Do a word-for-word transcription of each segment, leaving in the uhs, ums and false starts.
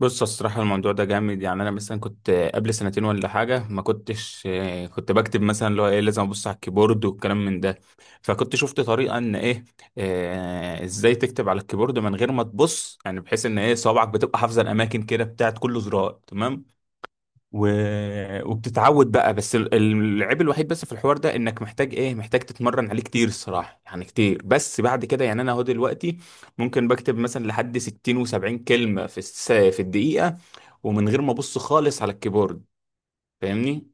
بص، الصراحة الموضوع ده جامد. يعني أنا مثلا كنت قبل سنتين ولا حاجة ما كنتش آه، كنت بكتب مثلا اللي هو إيه لازم أبص على الكيبورد والكلام من ده. فكنت شفت طريقة إن إيه آه، إزاي تكتب على الكيبورد من غير ما تبص، يعني بحيث إن إيه صوابعك بتبقى حافظة الأماكن كده بتاعت كل زرار. تمام و... وبتتعود بقى. بس ال- العيب الوحيد بس في الحوار ده إنك محتاج إيه محتاج تتمرن عليه كتير الصراحة، يعني كتير. بس بعد كده يعني أنا أهو دلوقتي ممكن بكتب مثلا لحد ستين و70 كلمة في الس... في الدقيقة، ومن غير ما ابص خالص على الكيبورد. فاهمني؟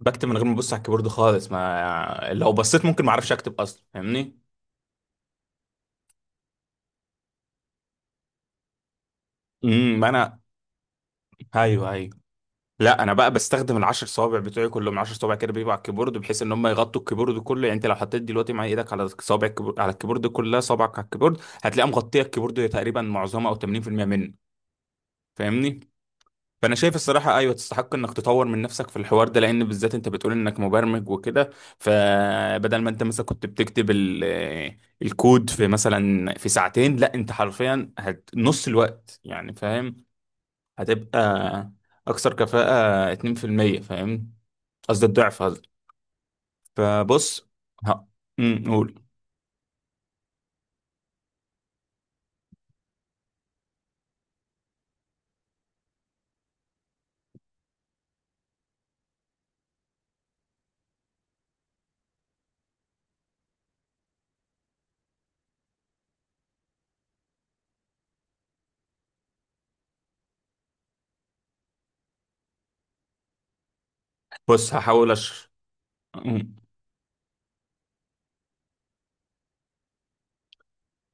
بكتب من غير ما ابص على الكيبورد خالص، ما لو بصيت ممكن ما اعرفش اكتب اصلا. فاهمني؟ امم ما انا. ايوه ايوه. لا انا بقى بستخدم العشر صوابع بتوعي كلهم. عشر صوابع كده بيبقوا على الكيبورد بحيث ان هم يغطوا الكيبورد كله. يعني انت لو حطيت دلوقتي مع ايدك على صابع الكيبورد على الكيبورد كلها، صابعك على الكيبورد هتلاقيها مغطيه الكيبورد تقريبا معظمها او ثمانين في المئة منه. فاهمني؟ فانا شايف الصراحه ايوه تستحق انك تطور من نفسك في الحوار ده، لان بالذات انت بتقول انك مبرمج وكده. فبدل ما انت مثلا كنت بتكتب ال- آه، الكود في مثلا في ساعتين، لا انت حرفيا هت نص الوقت. يعني فاهم؟ هتبقى اكثر كفاءه اثنين في المئة. فاهم؟ قصدي الضعف قصدي. فبص ه... أمم، قول. بص هحاول أش...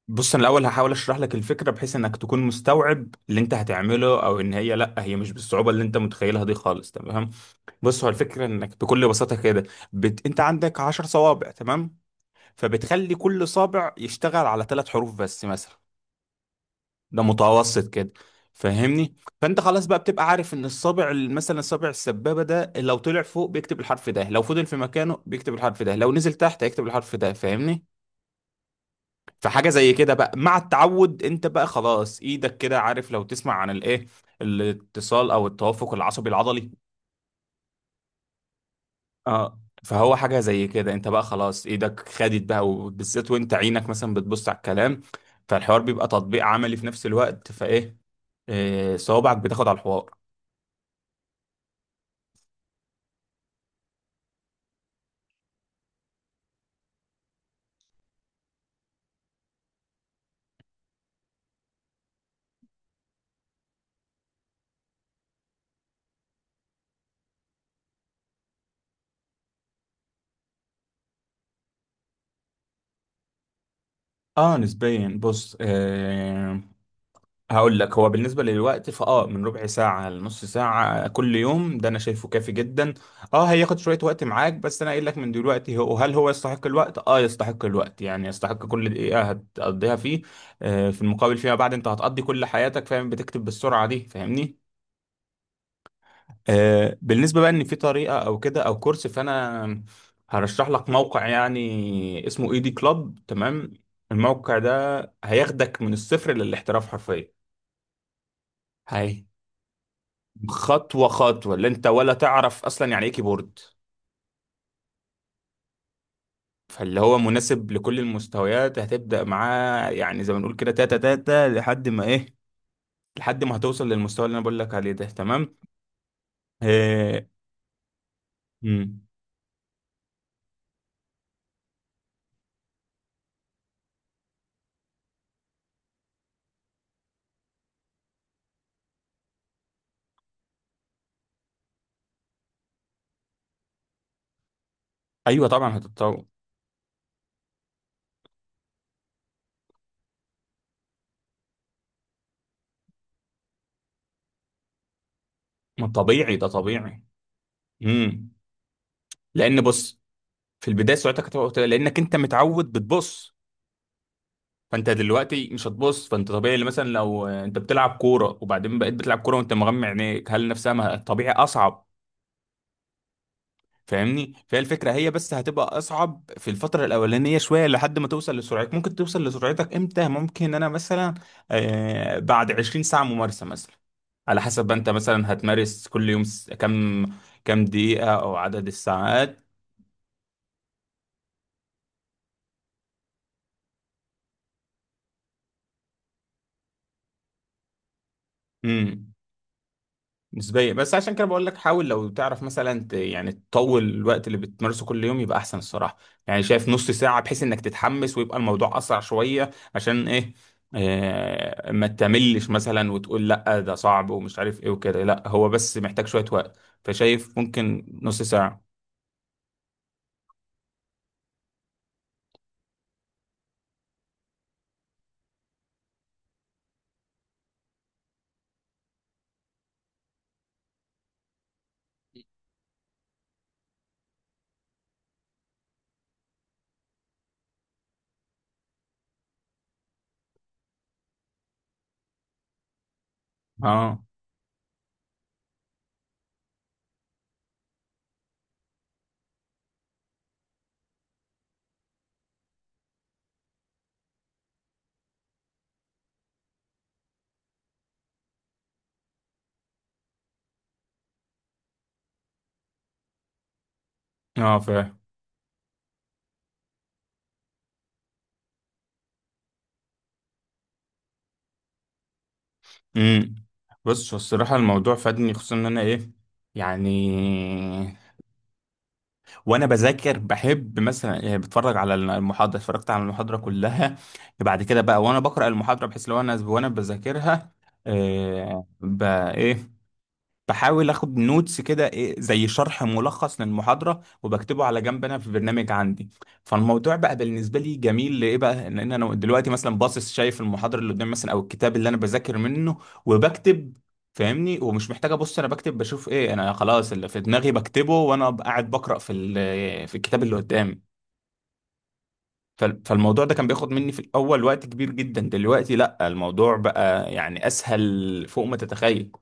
بص انا الاول هحاول اشرح لك الفكره بحيث انك تكون مستوعب اللي انت هتعمله، او ان هي لا هي مش بالصعوبه اللي انت متخيلها دي خالص. تمام؟ بص هو الفكره انك بكل بساطه كده بت... انت عندك عشر صوابع. تمام؟ فبتخلي كل صابع يشتغل على ثلاث حروف بس مثلا. ده متوسط كده. فاهمني؟ فانت خلاص بقى بتبقى عارف ان الصابع مثلا الصابع السبابه ده لو طلع فوق بيكتب الحرف ده، لو فضل في مكانه بيكتب الحرف ده، لو نزل تحت هيكتب الحرف ده. فاهمني؟ فحاجة زي كده بقى مع التعود، انت بقى خلاص ايدك كده عارف. لو تسمع عن الايه الاتصال او التوافق العصبي العضلي. اه فهو حاجة زي كده. انت بقى خلاص ايدك خدت بقى، وبالذات وانت عينك مثلا بتبص على الكلام. فالحوار بيبقى تطبيق عملي في نفس الوقت. فايه آه، صوابعك بتاخد على الحوار. اه نسبيا. بص آه هقول لك. هو بالنسبة للوقت فاه من ربع ساعة لنص ساعة كل يوم، ده انا شايفه كافي جدا. اه هياخد شوية وقت معاك، بس انا قايل لك من دلوقتي. هو هل هو يستحق الوقت؟ اه يستحق الوقت. يعني يستحق كل دقيقة هتقضيها فيه. آه في المقابل فيما بعد انت هتقضي كل حياتك فاهم بتكتب بالسرعة دي. فاهمني؟ آه بالنسبة بقى ان في طريقة او كده او كورس، فانا هرشح لك موقع يعني اسمه ايدي كلاب. تمام؟ الموقع ده هياخدك من الصفر للاحتراف حرفيا. هي خطوة خطوة، اللي انت ولا تعرف اصلا يعني ايه كيبورد. فاللي هو مناسب لكل المستويات. هتبدأ معاه يعني زي ما نقول كده تاتا تاتا لحد ما ايه لحد ما هتوصل للمستوى اللي انا بقول لك عليه ده. تمام؟ إيه. مم. ايوه طبعا هتتطور. ما طبيعي، ده طبيعي. مم. لان بص، في البداية سرعتك هتبقى قليلة لانك انت متعود بتبص. فانت دلوقتي مش هتبص. فانت طبيعي، اللي مثلا لو آه، انت بتلعب كورة وبعدين بقيت بتلعب كورة وانت مغمى عينيك، هل نفسها ما- طبيعي اصعب. فاهمني؟ فهي الفكره هي بس هتبقى اصعب في الفتره الاولانيه شويه لحد ما توصل لسرعتك. ممكن توصل لسرعتك امتى؟ ممكن انا مثلا آه بعد عشرين ساعه ممارسه مثلا، على حسب ما انت مثلا هتمارس كل يوم س- كم كم دقيقه او عدد الساعات. مم. نسبيا. بس عشان كده بقول لك حاول لو تعرف مثلا ت- يعني تطول الوقت اللي بتمارسه كل يوم يبقى احسن الصراحه. يعني شايف نص ساعه بحيث انك تتحمس ويبقى الموضوع اسرع شويه. عشان ايه آه ما تملش مثلا وتقول لا ده صعب ومش عارف ايه وكده. لا هو بس محتاج شويه وقت. فشايف ممكن نص ساعه. اه اه فاهم. امم بص. هو الصراحه الموضوع فادني، خصوصا ان انا ايه يعني وانا بذاكر بحب مثلا. يعني بتفرج على المحاضره، اتفرجت على المحاضره كلها، بعد كده بقى وانا بقرا المحاضره بحيث لو انا وانا بذاكرها آه، بقى ايه بحاول اخد نوتس كده، ايه زي شرح ملخص للمحاضره وبكتبه على جنب انا في برنامج عندي. فالموضوع بقى بالنسبه لي جميل لايه بقى؟ لان انا دلوقتي مثلا باصص شايف المحاضره اللي قدامي مثلا او الكتاب اللي انا بذاكر منه وبكتب. فاهمني؟ ومش محتاج ابص. انا بكتب بشوف ايه، انا خلاص اللي في دماغي بكتبه وانا قاعد بقرا في ال- في الكتاب اللي قدامي. فال- فالموضوع ده كان بياخد مني في الاول وقت كبير جدا. دلوقتي لا، الموضوع بقى يعني اسهل فوق ما تتخيل.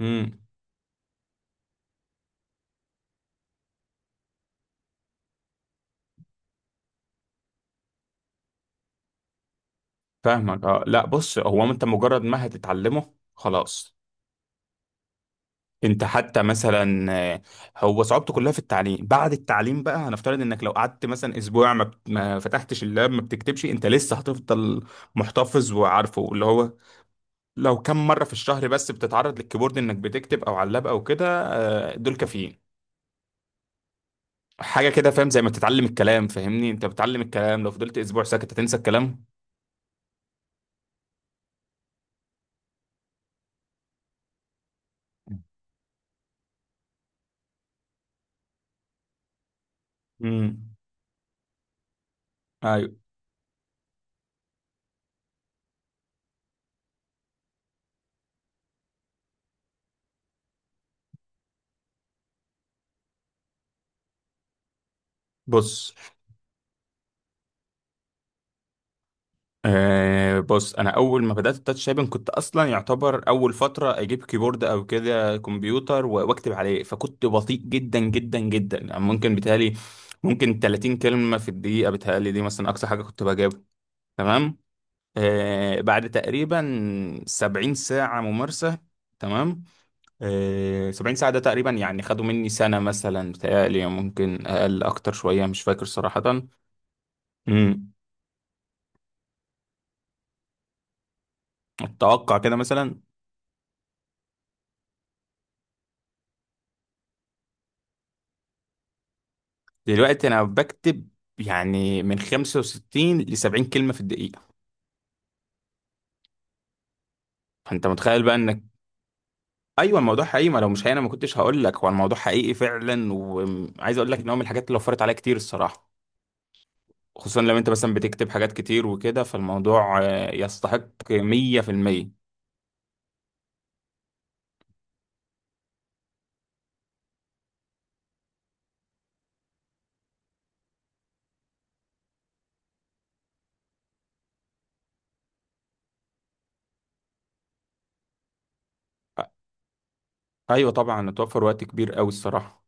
امم فاهمك. اه لا بص، هو انت مجرد ما هتتعلمه خلاص. انت حتى مثلا آه، هو صعوبته كلها في التعليم. بعد التعليم بقى هنفترض انك لو قعدت مثلا اسبوع ما, بت- ما فتحتش اللاب ما بتكتبش، انت لسه هتفضل محتفظ وعارفه. اللي هو لو كم مرة في الشهر بس بتتعرض للكيبورد انك بتكتب او على اللاب او كده آه، دول كافيين. حاجة كده فاهم؟ زي ما بتتعلم الكلام. فاهمني؟ انت بتتعلم الكلام، لو فضلت اسبوع ساكت هتنسى الكلام. امم ايوه. بص أه. بص انا اول ما بدات التاتش تايبنج كنت اصلا يعتبر اول فتره اجيب كيبورد او كده كمبيوتر و- واكتب عليه. فكنت بطيء جدا جدا جدا. يعني ممكن بيتهيألي ممكن تلاتين كلمه في الدقيقه بيتهيألي دي، مثلا اقصى حاجه كنت بجيبها. تمام؟ أه بعد تقريبا سبعين ساعه ممارسه. تمام؟ أه سبعين ساعه ده تقريبا يعني خدوا مني سنه مثلا بيتهيألي، ممكن اقل اكتر شويه مش فاكر صراحه. امم اتوقع كده مثلا. دلوقتي انا بكتب يعني من خمسه وستين ل سبعين كلمه في الدقيقه. فانت متخيل بقى انك ايوه الموضوع حقيقي. ما لو مش حقيقي انا ما كنتش هقول لك. هو الموضوع حقيقي فعلا، وعايز اقول لك ان هو من الحاجات اللي وفرت عليا كتير الصراحه. خصوصا لو انت مثلا بتكتب حاجات كتير وكده، فالموضوع آه، يستحق مئة في المئة. ايوه طبعا اتوفر وقت كبير قوي الصراحه.